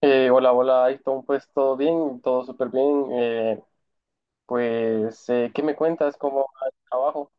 Hola, hola, Ayrton, pues todo bien, todo súper bien. ¿Qué me cuentas? ¿Cómo va el trabajo?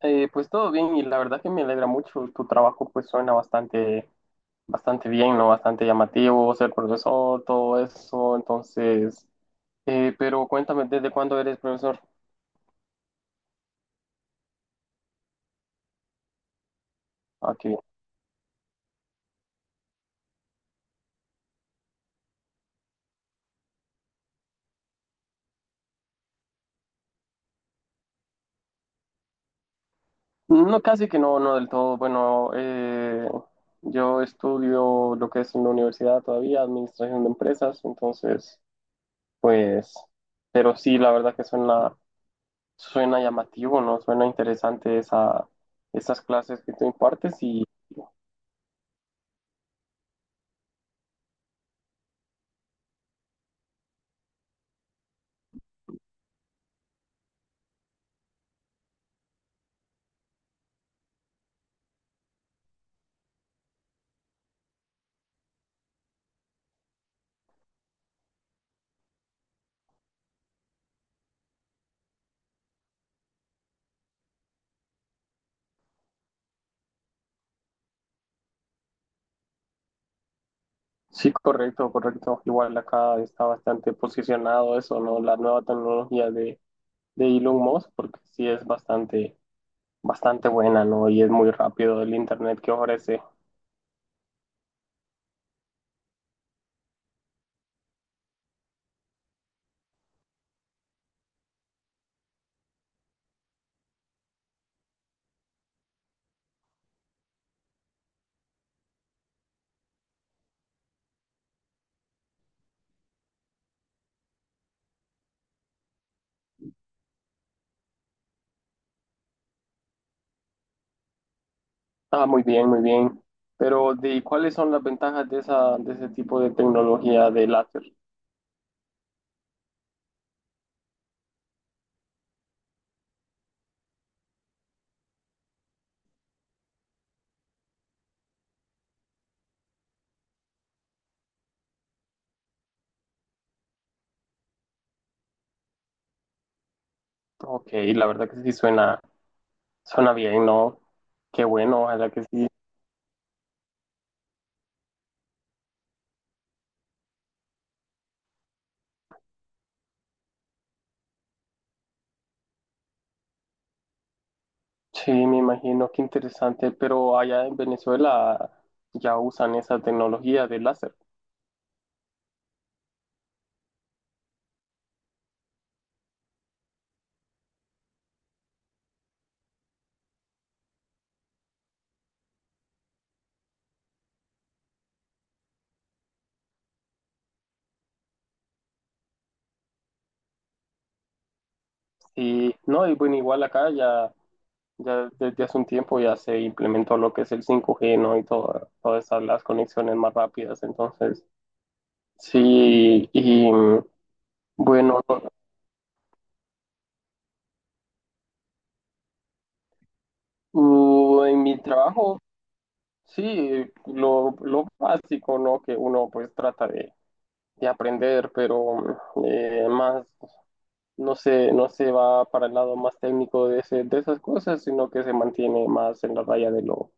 Pues todo bien y la verdad que me alegra mucho. Tu trabajo pues suena bastante bien, ¿no? Bastante llamativo, ser profesor, todo eso. Entonces, pero cuéntame, ¿desde cuándo eres profesor? Ah, qué bien. No, casi que no, no del todo. Bueno, yo estudio lo que es en la universidad todavía, administración de empresas, entonces... Pues, pero sí, la verdad que suena llamativo, ¿no? Suena interesante esas clases que tú impartes y sí, correcto, correcto. Igual acá está bastante posicionado eso, ¿no? La nueva tecnología de Elon Musk, porque sí es bastante buena, ¿no? Y es muy rápido el internet que ofrece. Ah, muy bien, muy bien. Pero, ¿de cuáles son las ventajas de de ese tipo de tecnología de láser? Ok, la verdad que sí suena. Suena bien, ¿no? Qué bueno, ojalá que sí. Sí, me imagino, qué interesante, pero allá en Venezuela ya usan esa tecnología de láser. Y no, y bueno, igual acá ya desde hace un tiempo ya se implementó lo que es el 5G, ¿no? Y todas esas, las conexiones más rápidas. Entonces, sí, y bueno, en mi trabajo, sí, lo básico, ¿no? Que uno pues trata de aprender, pero más. No se, no se va para el lado más técnico de esas cosas, sino que se mantiene más en la raya de lo,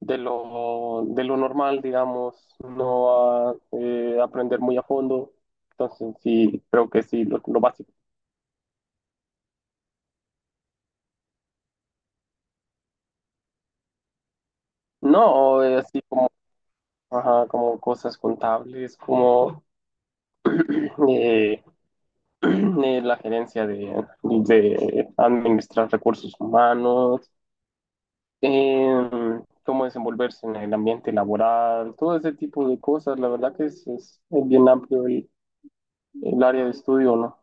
de lo, de lo normal, digamos, no va a aprender muy a fondo. Entonces, sí, creo que sí, lo básico. No, así como, ajá, como cosas contables, como eh, la gerencia de administrar recursos humanos, eh, cómo desenvolverse en el ambiente laboral, todo ese tipo de cosas. La verdad que es bien amplio el área de estudio, ¿no?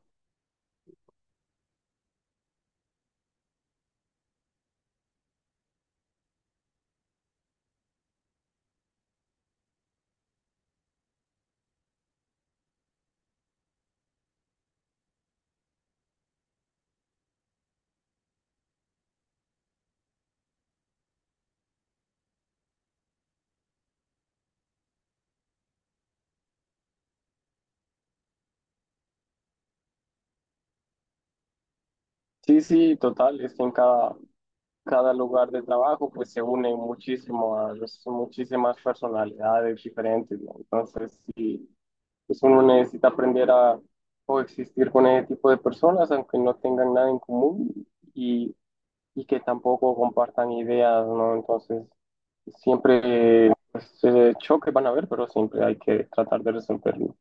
Sí, sí, total, es que en cada lugar de trabajo pues se unen muchísimo a muchísimas personalidades diferentes, ¿no? Entonces, sí, pues uno necesita aprender a coexistir con ese tipo de personas, aunque no tengan nada en común y que tampoco compartan ideas, ¿no? Entonces, siempre pues, choques van a haber, pero siempre hay que tratar de resolverlo.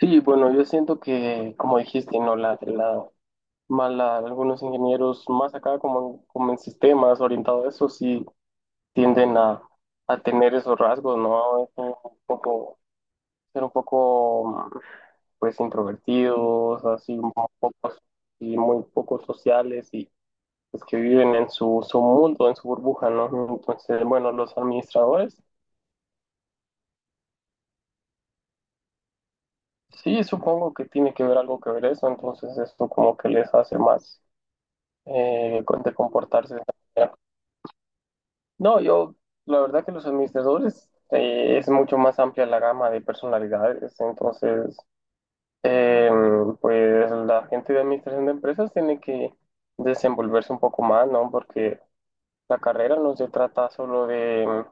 Sí, bueno, yo siento que, como dijiste, ¿no? Más algunos ingenieros más acá, como en sistemas orientados a eso, sí tienden a tener esos rasgos, ¿no? Es un poco, ser un poco, pues, introvertidos, así, un poco, y muy poco sociales y pues, que viven en su mundo, en su burbuja, ¿no? Entonces, bueno, los administradores, sí, supongo que tiene que ver algo que ver eso, entonces esto como que les hace más de comportarse de esa manera. No, yo, la verdad que los administradores es mucho más amplia la gama de personalidades, entonces, eh, pues la gente de administración de empresas tiene que desenvolverse un poco más, ¿no? Porque la carrera no se trata solo de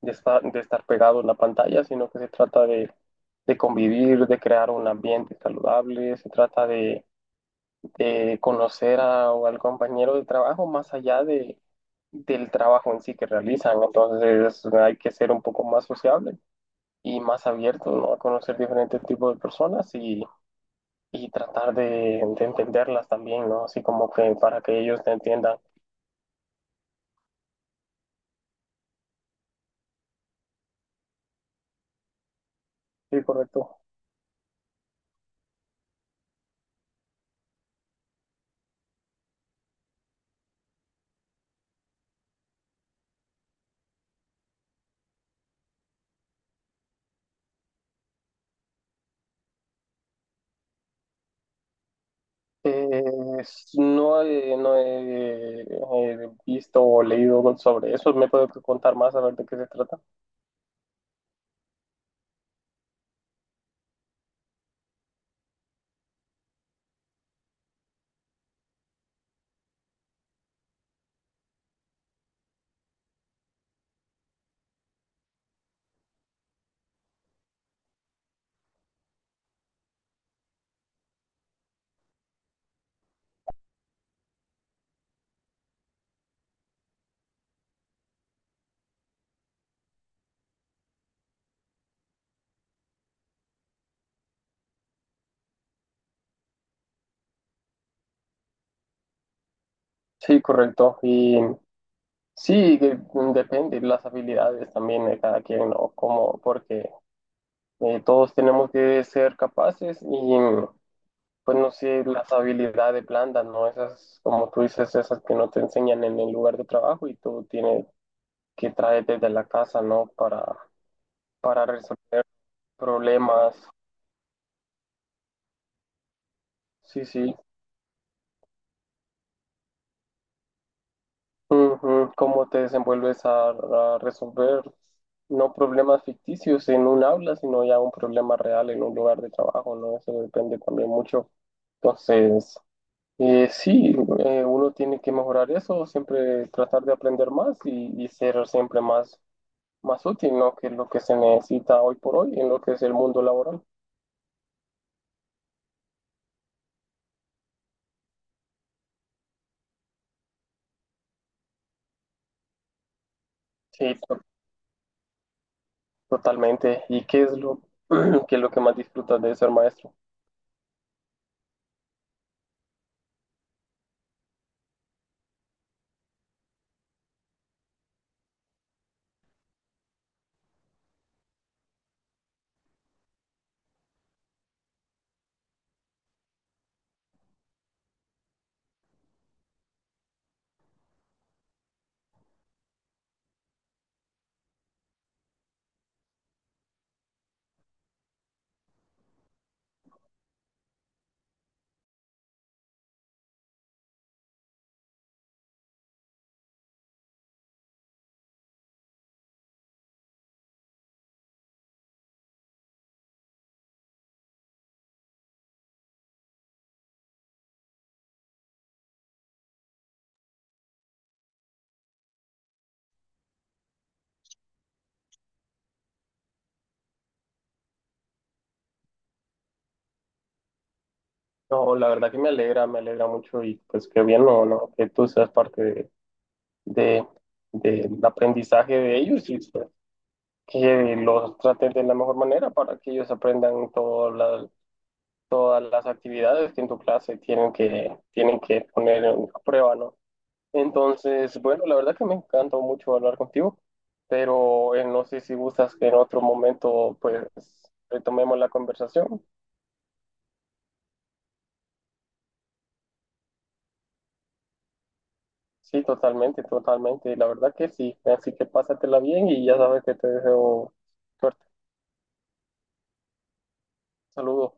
de estar pegado en la pantalla, sino que se trata de convivir, de crear un ambiente saludable, se trata de conocer a, al compañero de trabajo más allá de, del trabajo en sí que realizan. Entonces hay que ser un poco más sociable y más abierto, ¿no? A conocer diferentes tipos de personas y tratar de entenderlas también, ¿no? Así como que para que ellos te entiendan. Sí, correcto. Eh, no he, visto o leído sobre eso. ¿Me puede contar más a ver de qué se trata? Sí, correcto. Y sí, que, mm, depende las habilidades también de cada quien, ¿no? Como, porque todos tenemos que ser capaces y, pues no sé, las habilidades blandas, ¿no? Esas, como tú dices, esas que no te enseñan en el lugar de trabajo y tú tienes que traer desde la casa, ¿no? Para resolver problemas. Sí, sí. Ujú, ¿cómo te desenvuelves a resolver no problemas ficticios en un aula, sino ya un problema real en un lugar de trabajo, ¿no? Eso depende también mucho. Entonces, sí, uno tiene que mejorar eso, siempre tratar de aprender más y ser siempre más útil, ¿no? Que es lo que se necesita hoy por hoy en lo que es el mundo laboral. Sí, to- Totalmente. ¿Y qué es qué es lo que más disfrutas de ser maestro? No, la verdad que me alegra mucho y pues qué bien, no, no, que tú seas parte de- del aprendizaje de ellos y pues, que los trates de la mejor manera para que ellos aprendan todas todas las actividades que en tu clase tienen tienen que poner en a prueba, ¿no? Entonces, bueno, la verdad que me encantó mucho hablar contigo, pero no sé si gustas que en otro momento pues retomemos la conversación. Sí, totalmente, totalmente. La verdad que sí. Así que pásatela bien y ya sabes que te deseo suerte. Saludos.